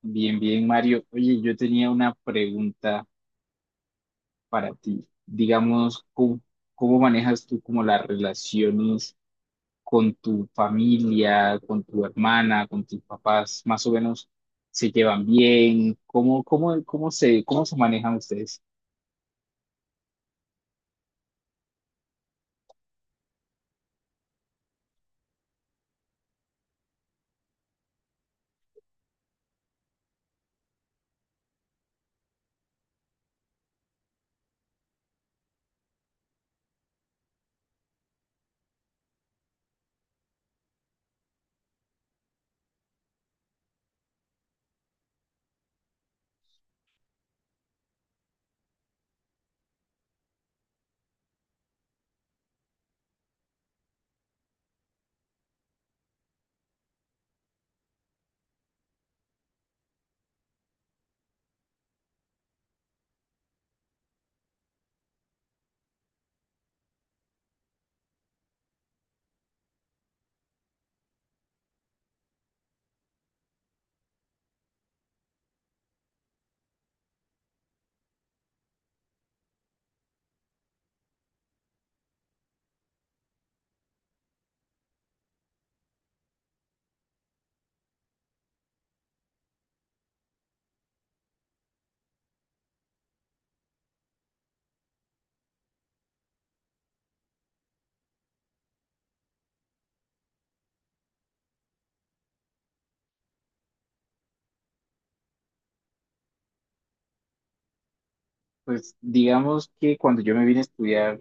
Bien, bien, Mario. Oye, yo tenía una pregunta para ti. Digamos, ¿cómo manejas tú como las relaciones con tu familia, con tu hermana, con tus papás? Más o menos, ¿se llevan bien? ¿Cómo se manejan ustedes? Pues digamos que cuando yo me vine a estudiar,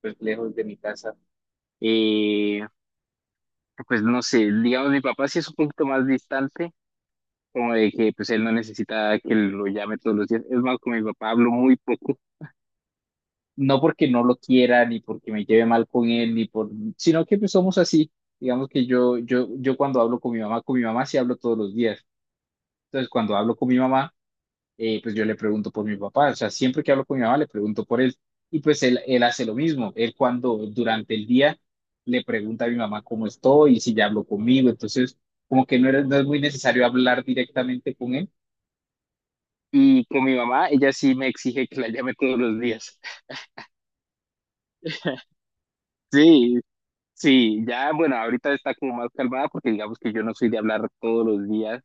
pues lejos de mi casa, eh, pues no sé, digamos, mi papá sí es un poquito más distante, como de que pues él no necesita que lo llame todos los días. Es más, con mi papá hablo muy poco, no porque no lo quiera, ni porque me lleve mal con él, ni por, sino que pues somos así. Digamos que yo cuando hablo con mi mamá sí hablo todos los días. Entonces, cuando hablo con mi mamá, pues yo le pregunto por mi papá. O sea, siempre que hablo con mi mamá, le pregunto por él. Y pues él hace lo mismo. Él, cuando durante el día, le pregunta a mi mamá cómo estoy y si ya habló conmigo. Entonces, como que no es muy necesario hablar directamente con él. Y con mi mamá, ella sí me exige que la llame todos los días. Sí, sí, ya, bueno, ahorita está como más calmada porque digamos que yo no soy de hablar todos los días,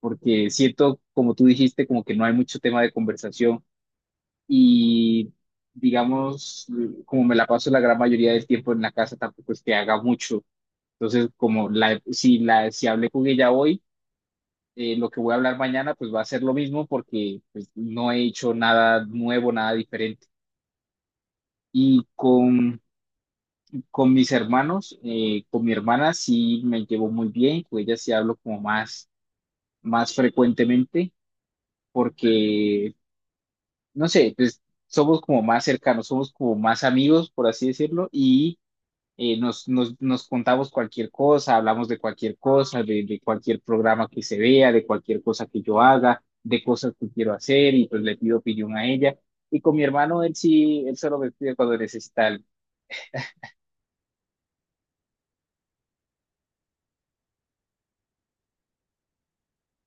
porque siento, como tú dijiste, como que no hay mucho tema de conversación y, digamos, como me la paso la gran mayoría del tiempo en la casa, tampoco es que haga mucho. Entonces, como la, si la, si hablé con ella hoy, lo que voy a hablar mañana pues va a ser lo mismo, porque pues no he hecho nada nuevo, nada diferente. Y con Con mis hermanos, con mi hermana sí me llevo muy bien, con ella sí hablo como más frecuentemente, porque, no sé, pues somos como más cercanos, somos como más amigos, por así decirlo, y nos contamos cualquier cosa, hablamos de cualquier cosa, de cualquier programa que se vea, de cualquier cosa que yo haga, de cosas que quiero hacer, y pues le pido opinión a ella. Y con mi hermano, él solo me pide cuando necesita algo.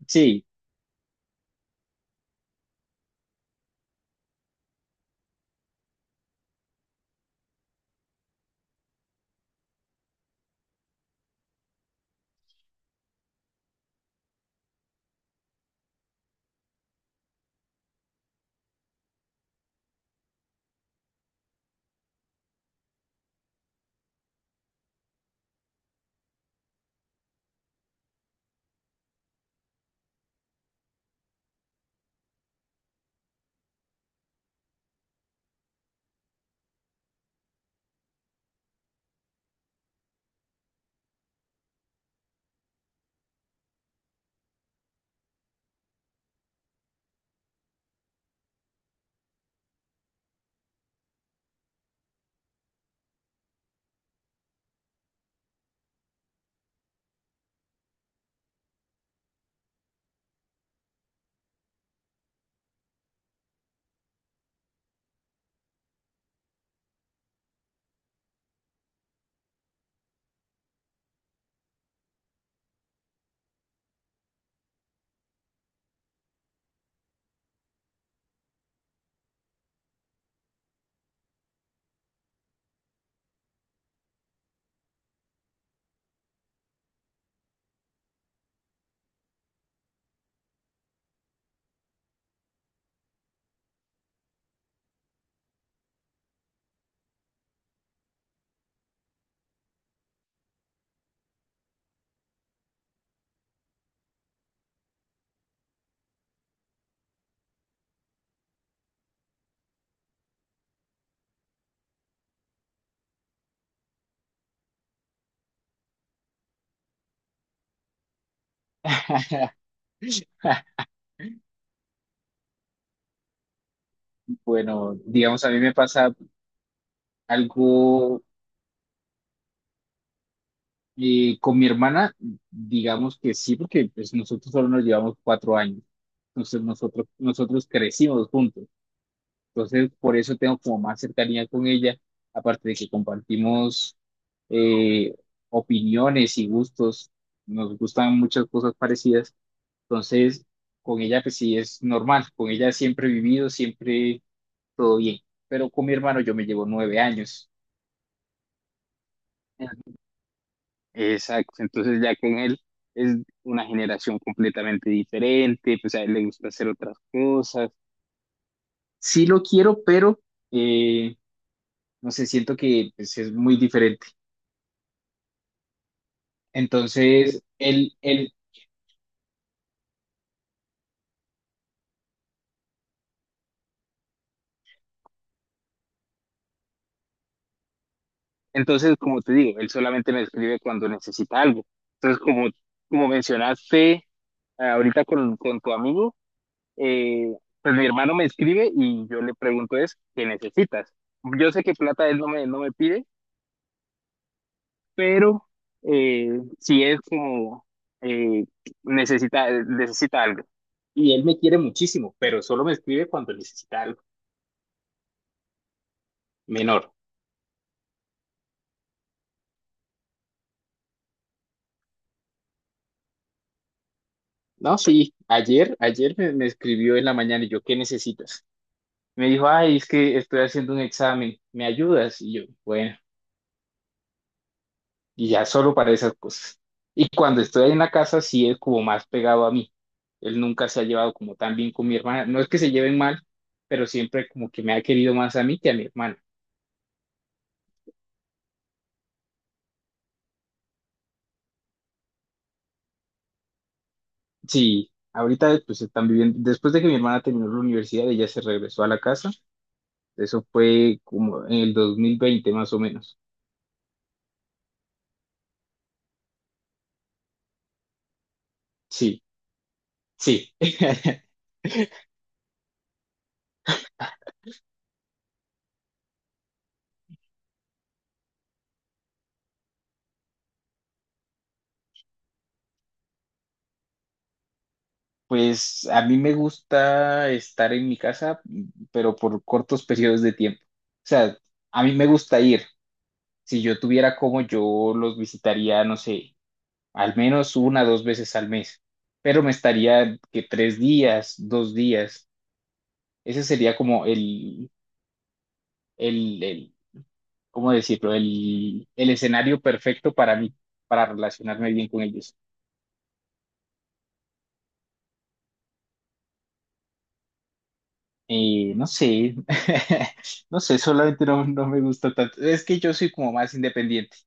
Sí. Bueno, digamos, a mí me pasa algo con mi hermana, digamos que sí, porque pues nosotros solo nos llevamos 4 años, entonces nosotros crecimos juntos, entonces por eso tengo como más cercanía con ella, aparte de que compartimos eh, opiniones y gustos, nos gustan muchas cosas parecidas, entonces con ella pues sí es normal, con ella siempre he vivido, siempre todo bien, pero con mi hermano yo me llevo 9 años. Exacto, entonces ya con él es una generación completamente diferente, pues a él le gusta hacer otras cosas. Sí lo quiero, pero eh, no sé, siento que pues es muy diferente. Entonces, entonces, como te digo, él solamente me escribe cuando necesita algo. Entonces, como, como mencionaste, ahorita con tu amigo, eh, pues mi hermano me escribe y yo le pregunto es, ¿qué necesitas? Yo sé que plata él no me pide, pero eh, sí es como eh, necesita algo. Y él me quiere muchísimo, pero solo me escribe cuando necesita algo menor. No, sí, ayer me escribió en la mañana y yo, ¿qué necesitas? Me dijo, ay, es que estoy haciendo un examen, ¿me ayudas? Y yo, bueno, y ya solo para esas cosas. Y cuando estoy ahí en la casa, sí es como más pegado a mí. Él nunca se ha llevado como tan bien con mi hermana. No es que se lleven mal, pero siempre como que me ha querido más a mí que a mi hermana. Sí, ahorita pues están viviendo, después de que mi hermana terminó la universidad, ella se regresó a la casa. Eso fue como en el 2020, más o menos. Sí, sí. Pues a mí me gusta estar en mi casa, pero por cortos periodos de tiempo. O sea, a mí me gusta ir. Si yo tuviera, como, yo los visitaría, no sé, al menos 1 2 veces al mes, pero me estaría que 3 días, 2 días. Ese sería como el, el, ¿cómo decirlo? El escenario perfecto para mí, para relacionarme bien con ellos. No sé, no sé, solamente no, no me gusta tanto. Es que yo soy como más independiente.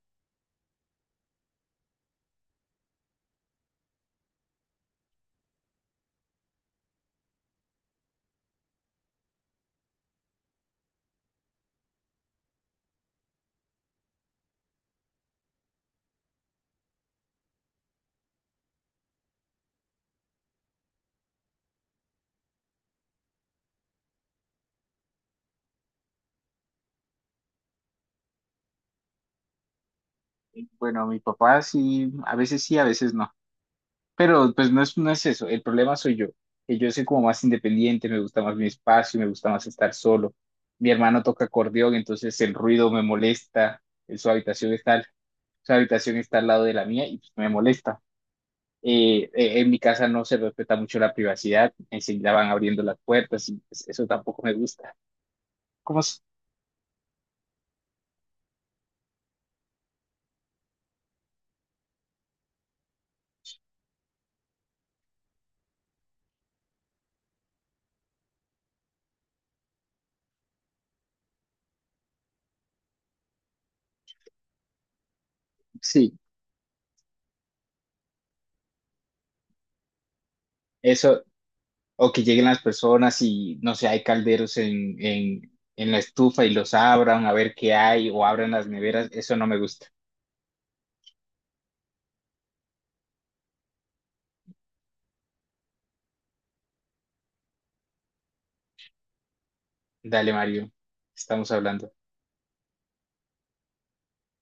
Bueno, mi papá sí, a veces no. Pero pues no es eso, el problema soy yo, que yo soy como más independiente, me gusta más mi espacio, me gusta más estar solo. Mi hermano toca acordeón, entonces el ruido me molesta, su habitación está, su habitación está al lado de la mía y pues me molesta. En mi casa no se respeta mucho la privacidad, enseguida van abriendo las puertas y pues eso tampoco me gusta. ¿Cómo? S- Sí, eso, o que lleguen las personas y, no sé, hay calderos en, en la estufa y los abran a ver qué hay, o abran las neveras, eso no me gusta. Dale, Mario, estamos hablando.